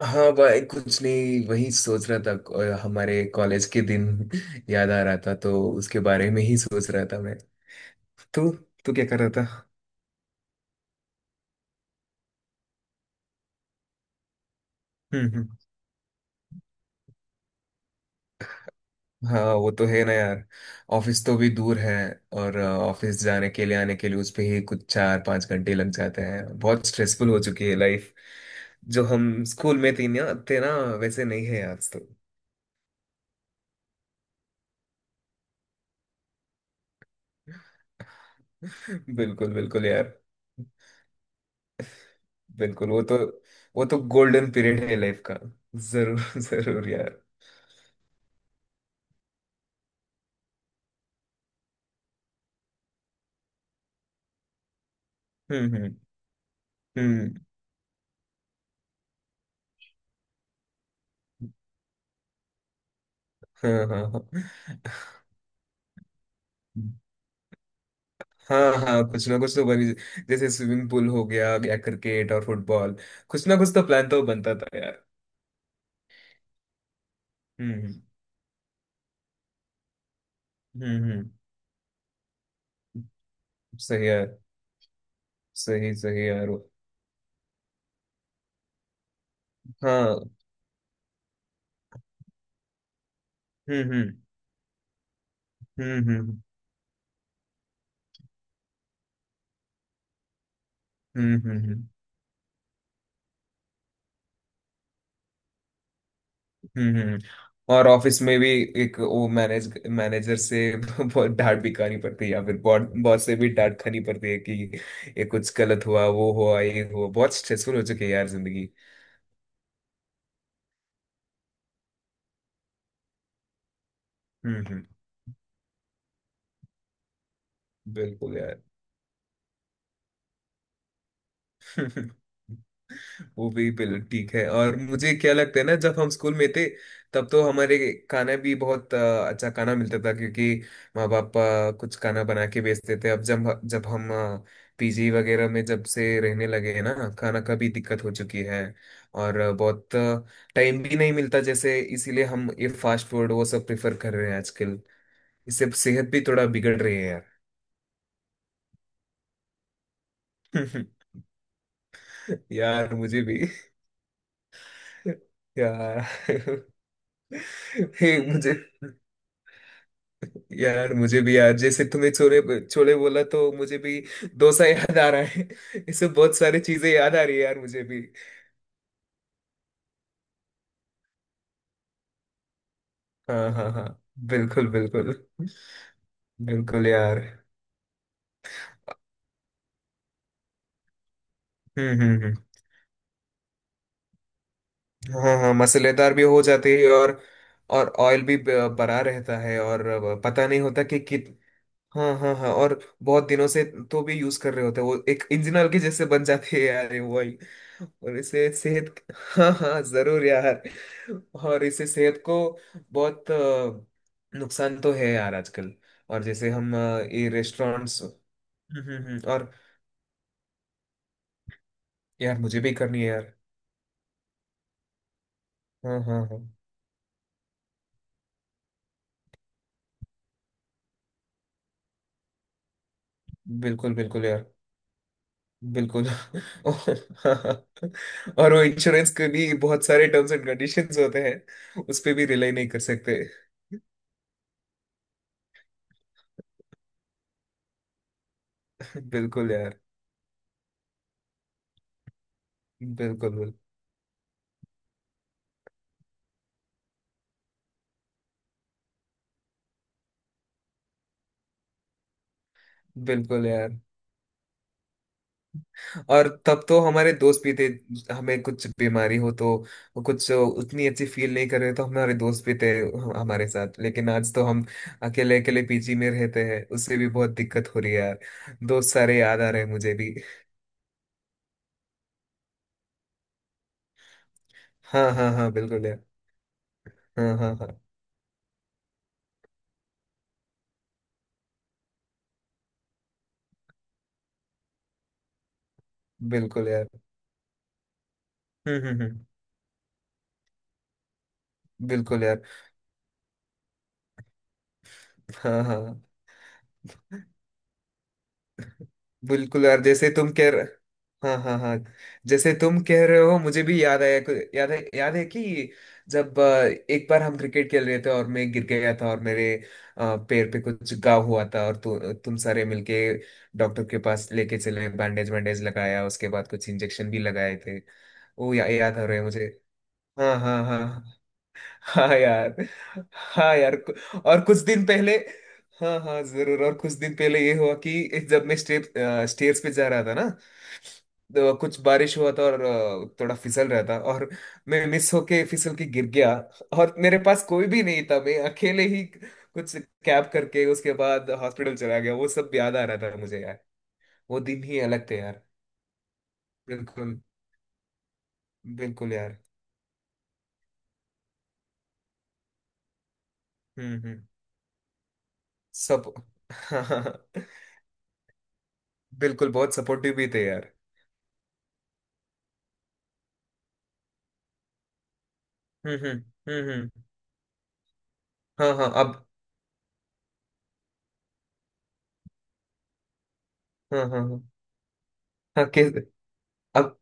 हाँ भाई। कुछ नहीं, वही सोच रहा था हमारे कॉलेज के दिन। याद आ रहा था तो उसके बारे में ही सोच रहा था मैं। तू तू क्या कर रहा था? हम्म। हम्म। हाँ, वो तो है ना यार। ऑफिस तो भी दूर है, और ऑफिस जाने के लिए आने के लिए उस पे ही कुछ 4-5 घंटे लग जाते हैं। बहुत स्ट्रेसफुल हो चुकी है लाइफ। जो हम स्कूल में थी ना थे ना, वैसे नहीं है आज तो। बिल्कुल बिल्कुल यार। बिल्कुल, वो तो गोल्डन पीरियड है लाइफ का। जरूर जरूर यार। हम्म। हम्म। हम्म। हाँ हाँ हाँ। हाँ हाँ, कुछ ना कुछ तो बनी। जैसे स्विमिंग पूल हो गया या क्रिकेट और फुटबॉल, कुछ ना कुछ तो प्लान तो बनता था यार। हम्म। हम्म। हम्म। हम्म। सही यार। सही सही यार, वो। हाँ। हम्म। हम्म। हम्म। हम्म। हम्म। हम्म। हम्म। हम्म। हम्म। और ऑफिस में भी एक वो मैनेजर से बहुत डांट भी खानी पड़ती है, या फिर बॉस बॉस से भी डांट खानी पड़ती है कि ये कुछ गलत हुआ, वो हुआ, ये हुआ। बहुत स्ट्रेसफुल हो चुकी है यार जिंदगी। हम्म। हम्म। बिल्कुल यार। वो भी बिल्कुल ठीक है। और मुझे क्या लगता है ना, जब हम स्कूल में थे तब तो हमारे खाना भी बहुत अच्छा खाना मिलता था क्योंकि माँ बाप कुछ खाना बना के बेचते थे। अब जब जब हम PG वगैरह में जब से रहने लगे हैं ना, खाना का भी दिक्कत हो चुकी है। और बहुत टाइम भी नहीं मिलता, जैसे इसीलिए हम ये फास्ट फूड वो सब प्रेफर कर रहे हैं आजकल। इससे सेहत भी थोड़ा बिगड़ रही है यार। यार मुझे भी। यार। हे मुझे, यार मुझे भी यार, जैसे तुम्हें छोले छोले बोला तो मुझे भी डोसा याद आ रहा है। ये सब बहुत सारी चीजें याद आ रही है यार मुझे भी। हाँ हाँ हाँ। बिल्कुल बिल्कुल बिल्कुल यार। हम्म। हम्म। हम्म। हाँ हाँ, मसालेदार भी हो जाते हैं, और ऑयल भी भरा रहता है, और पता नहीं होता कि कित हाँ हाँ हाँ। और बहुत दिनों से तो भी यूज कर रहे होते हैं वो, एक इंजन के जैसे बन जाती है यार ये वही। और इसे सेहत हाँ हाँ जरूर यार। और इसे सेहत को बहुत नुकसान तो है यार आजकल। और जैसे हम ये रेस्टोरेंट्स। हम्म। हम्म। हम्म। और यार मुझे भी करनी है यार। हाँ हाँ हाँ। बिल्कुल बिल्कुल यार। बिल्कुल। और वो इंश्योरेंस के भी बहुत सारे टर्म्स एंड कंडीशंस होते हैं, उस पे भी रिलाई नहीं कर सकते। बिल्कुल यार। बिल्कुल बिल्कुल बिल्कुल यार। और तब तो हमारे दोस्त भी थे, हमें कुछ बीमारी हो तो कुछ उतनी अच्छी फील नहीं कर रहे, तो हमारे दोस्त भी थे हमारे साथ। लेकिन आज तो हम अकेले अकेले PG में रहते हैं, उससे भी बहुत दिक्कत हो रही है यार। दोस्त सारे याद आ रहे हैं मुझे भी। हाँ हाँ हाँ। बिल्कुल यार। हाँ हाँ हाँ। बिल्कुल यार। हम्म। हम्म। हम्म। बिल्कुल यार। हाँ हाँ बिल्कुल यार जैसे तुम कह रहे हाँ हाँ हाँ। जैसे तुम कह रहे हो, मुझे भी याद आया याद है कि जब एक बार हम क्रिकेट खेल रहे थे और मैं गिर गया था, और मेरे पैर पे कुछ घाव हुआ था, और तुम सारे मिलके डॉक्टर के पास लेके चले, बैंडेज वैंडेज लगाया, उसके बाद कुछ इंजेक्शन भी लगाए थे। वो याद आ रहे हैं मुझे। हाँ हाँ हाँ हाँ। हाँ यार। हाँ यार, और कुछ दिन पहले। हाँ हाँ जरूर। और कुछ दिन पहले ये हुआ कि जब मैं स्टेप स्टेयर्स पे जा रहा था ना, तो कुछ बारिश हुआ था और थोड़ा फिसल रहा था, और मैं मिस होके फिसल के गिर गया, और मेरे पास कोई भी नहीं था, मैं अकेले ही कुछ कैब करके उसके बाद हॉस्पिटल चला गया। वो सब याद आ रहा था मुझे यार। वो दिन ही अलग थे यार। बिल्कुल। बिल्कुल यार। हम्म। हम्म। सब। बिल्कुल, बहुत सपोर्टिव भी थे यार। हम्म। हम्म। हम्म। हम्म। हाँ हाँ अब। हाँ हाँ हाँ। हाँ के अब।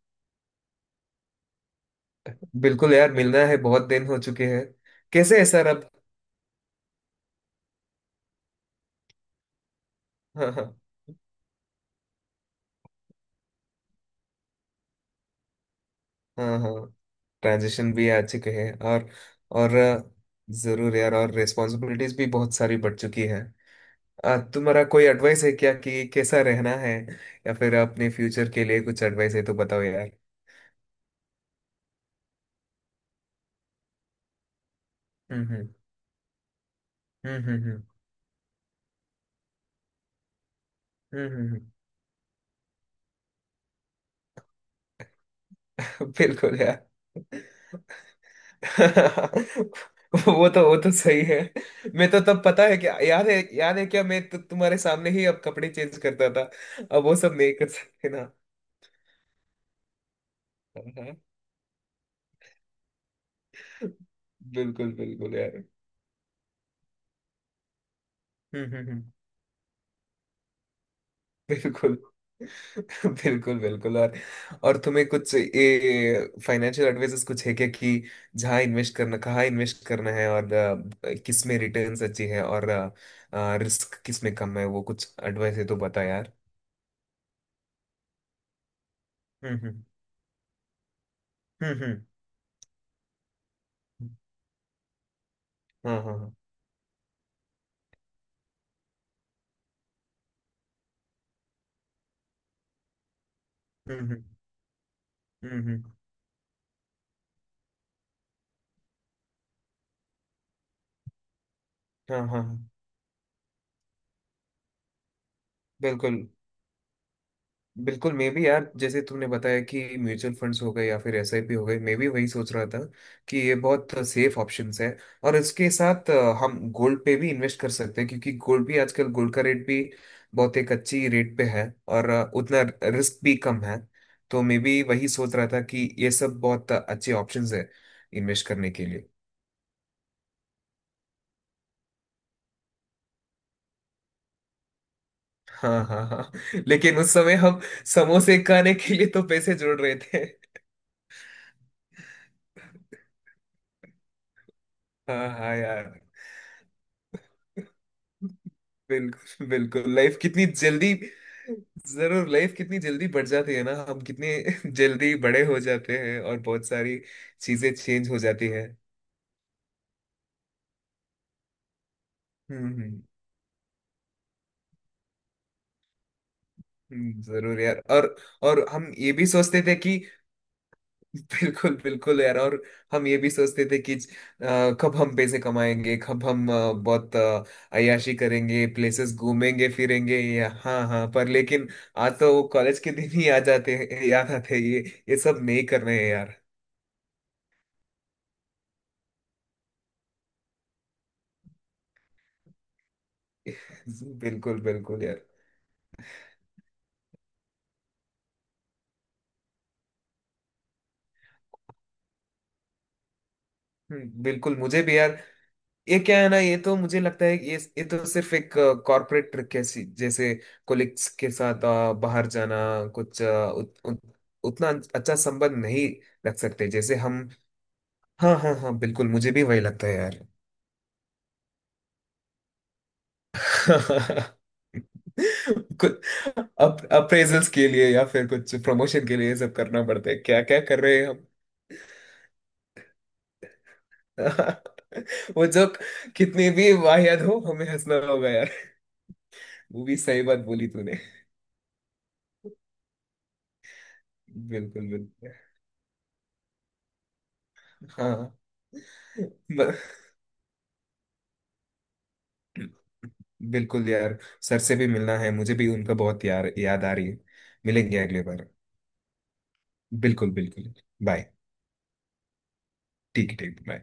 बिल्कुल यार, मिलना है, बहुत दिन हो चुके हैं। कैसे है सर अब? हाँ हाँ हाँ हाँ। ट्रांजिशन भी आ चुके हैं, और जरूर यार, और रिस्पॉन्सिबिलिटीज भी बहुत सारी बढ़ चुकी है। तुम्हारा कोई एडवाइस है क्या, कि कैसा रहना है, या फिर अपने फ्यूचर के लिए कुछ एडवाइस है तो बताओ यार। हम्म। हम्म। हम्म। हम्म। हम्म। हम्म। हम्म। हम्म। बिल्कुल यार। वो तो सही है। मैं तो तब, पता है क्या, याद है क्या, मैं तो तुम्हारे सामने ही अब कपड़े चेंज करता था। अब वो सब नहीं कर सकते ना। हाँ। बिल्कुल बिल्कुल यार। हम्म। हम्म। हम्म। बिल्कुल। बिल्कुल। बिल्कुल। और तुम्हें कुछ ये फाइनेंशियल एडवाइसेस कुछ है क्या, कि जहाँ इन्वेस्ट करना, कहाँ इन्वेस्ट करना है, और किस में रिटर्न्स अच्छी है और रिस्क किस में कम है, वो कुछ एडवाइस है तो बता यार। हम्म। हम्म। हम्म। हम्म। हाँ हाँ हाँ। हम्म। हम्म। हम्म। हम्म। हाँ हाँ हाँ। बिल्कुल। बिल्कुल मैं भी यार, जैसे तुमने बताया कि म्यूचुअल फंड्स हो गए या फिर SIP हो गए, मैं भी वही सोच रहा था कि ये बहुत सेफ ऑप्शंस है। और इसके साथ हम गोल्ड पे भी इन्वेस्ट कर सकते हैं, क्योंकि गोल्ड भी आजकल, गोल्ड का रेट भी बहुत एक अच्छी रेट पे है, और उतना रिस्क भी कम है। तो मैं भी वही सोच रहा था कि ये सब बहुत अच्छे ऑप्शंस है इन्वेस्ट करने के लिए। हाँ हाँ हाँ। लेकिन उस समय हम समोसे खाने के लिए तो पैसे जोड़ रहे थे। हाँ हाँ यार। बिल्कुल बिल्कुल, लाइफ कितनी जल्दी। जरूर, लाइफ कितनी जल्दी बढ़ जाती है ना, हम कितने जल्दी बड़े हो जाते हैं और बहुत सारी चीजें चेंज हो जाती है। हम्म। हम्म। हम्म। जरूर यार, और हम ये भी सोचते थे कि बिल्कुल बिल्कुल यार, और हम ये भी सोचते थे कि कब हम पैसे कमाएंगे, कब हम बहुत अय्याशी करेंगे, प्लेसेस घूमेंगे फिरेंगे, या हाँ हाँ, पर लेकिन आज तो वो कॉलेज के दिन ही आ जाते हैं, याद आते हैं ये। ये सब नहीं करने हैं यार। बिल्कुल बिल्कुल यार। हम्म। बिल्कुल मुझे भी यार। ये क्या है ना, ये तो मुझे लगता है कि ये तो सिर्फ एक कॉर्पोरेट ट्रिक है, जैसे कोलिग्स के साथ बाहर जाना, कुछ उत, उत, उतना अच्छा संबंध नहीं रख सकते जैसे हम। हाँ हाँ हाँ। बिल्कुल मुझे भी वही लगता है यार। कुछ अप्रेजल्स के लिए या फिर कुछ प्रमोशन के लिए ये सब करना पड़ता है, क्या क्या कर रहे हैं हम। वो जोक कितनी भी वाहियात हो, हमें हंसना होगा यार। वो भी सही बात बोली तूने। बिल्कुल बिल्कुल। हाँ ब- बिल्कुल यार। सर से भी मिलना है, मुझे भी उनका बहुत यार याद आ रही है। मिलेंगे अगली बार। बिल्कुल बिल्कुल। बाय। ठीक है, ठीक bye।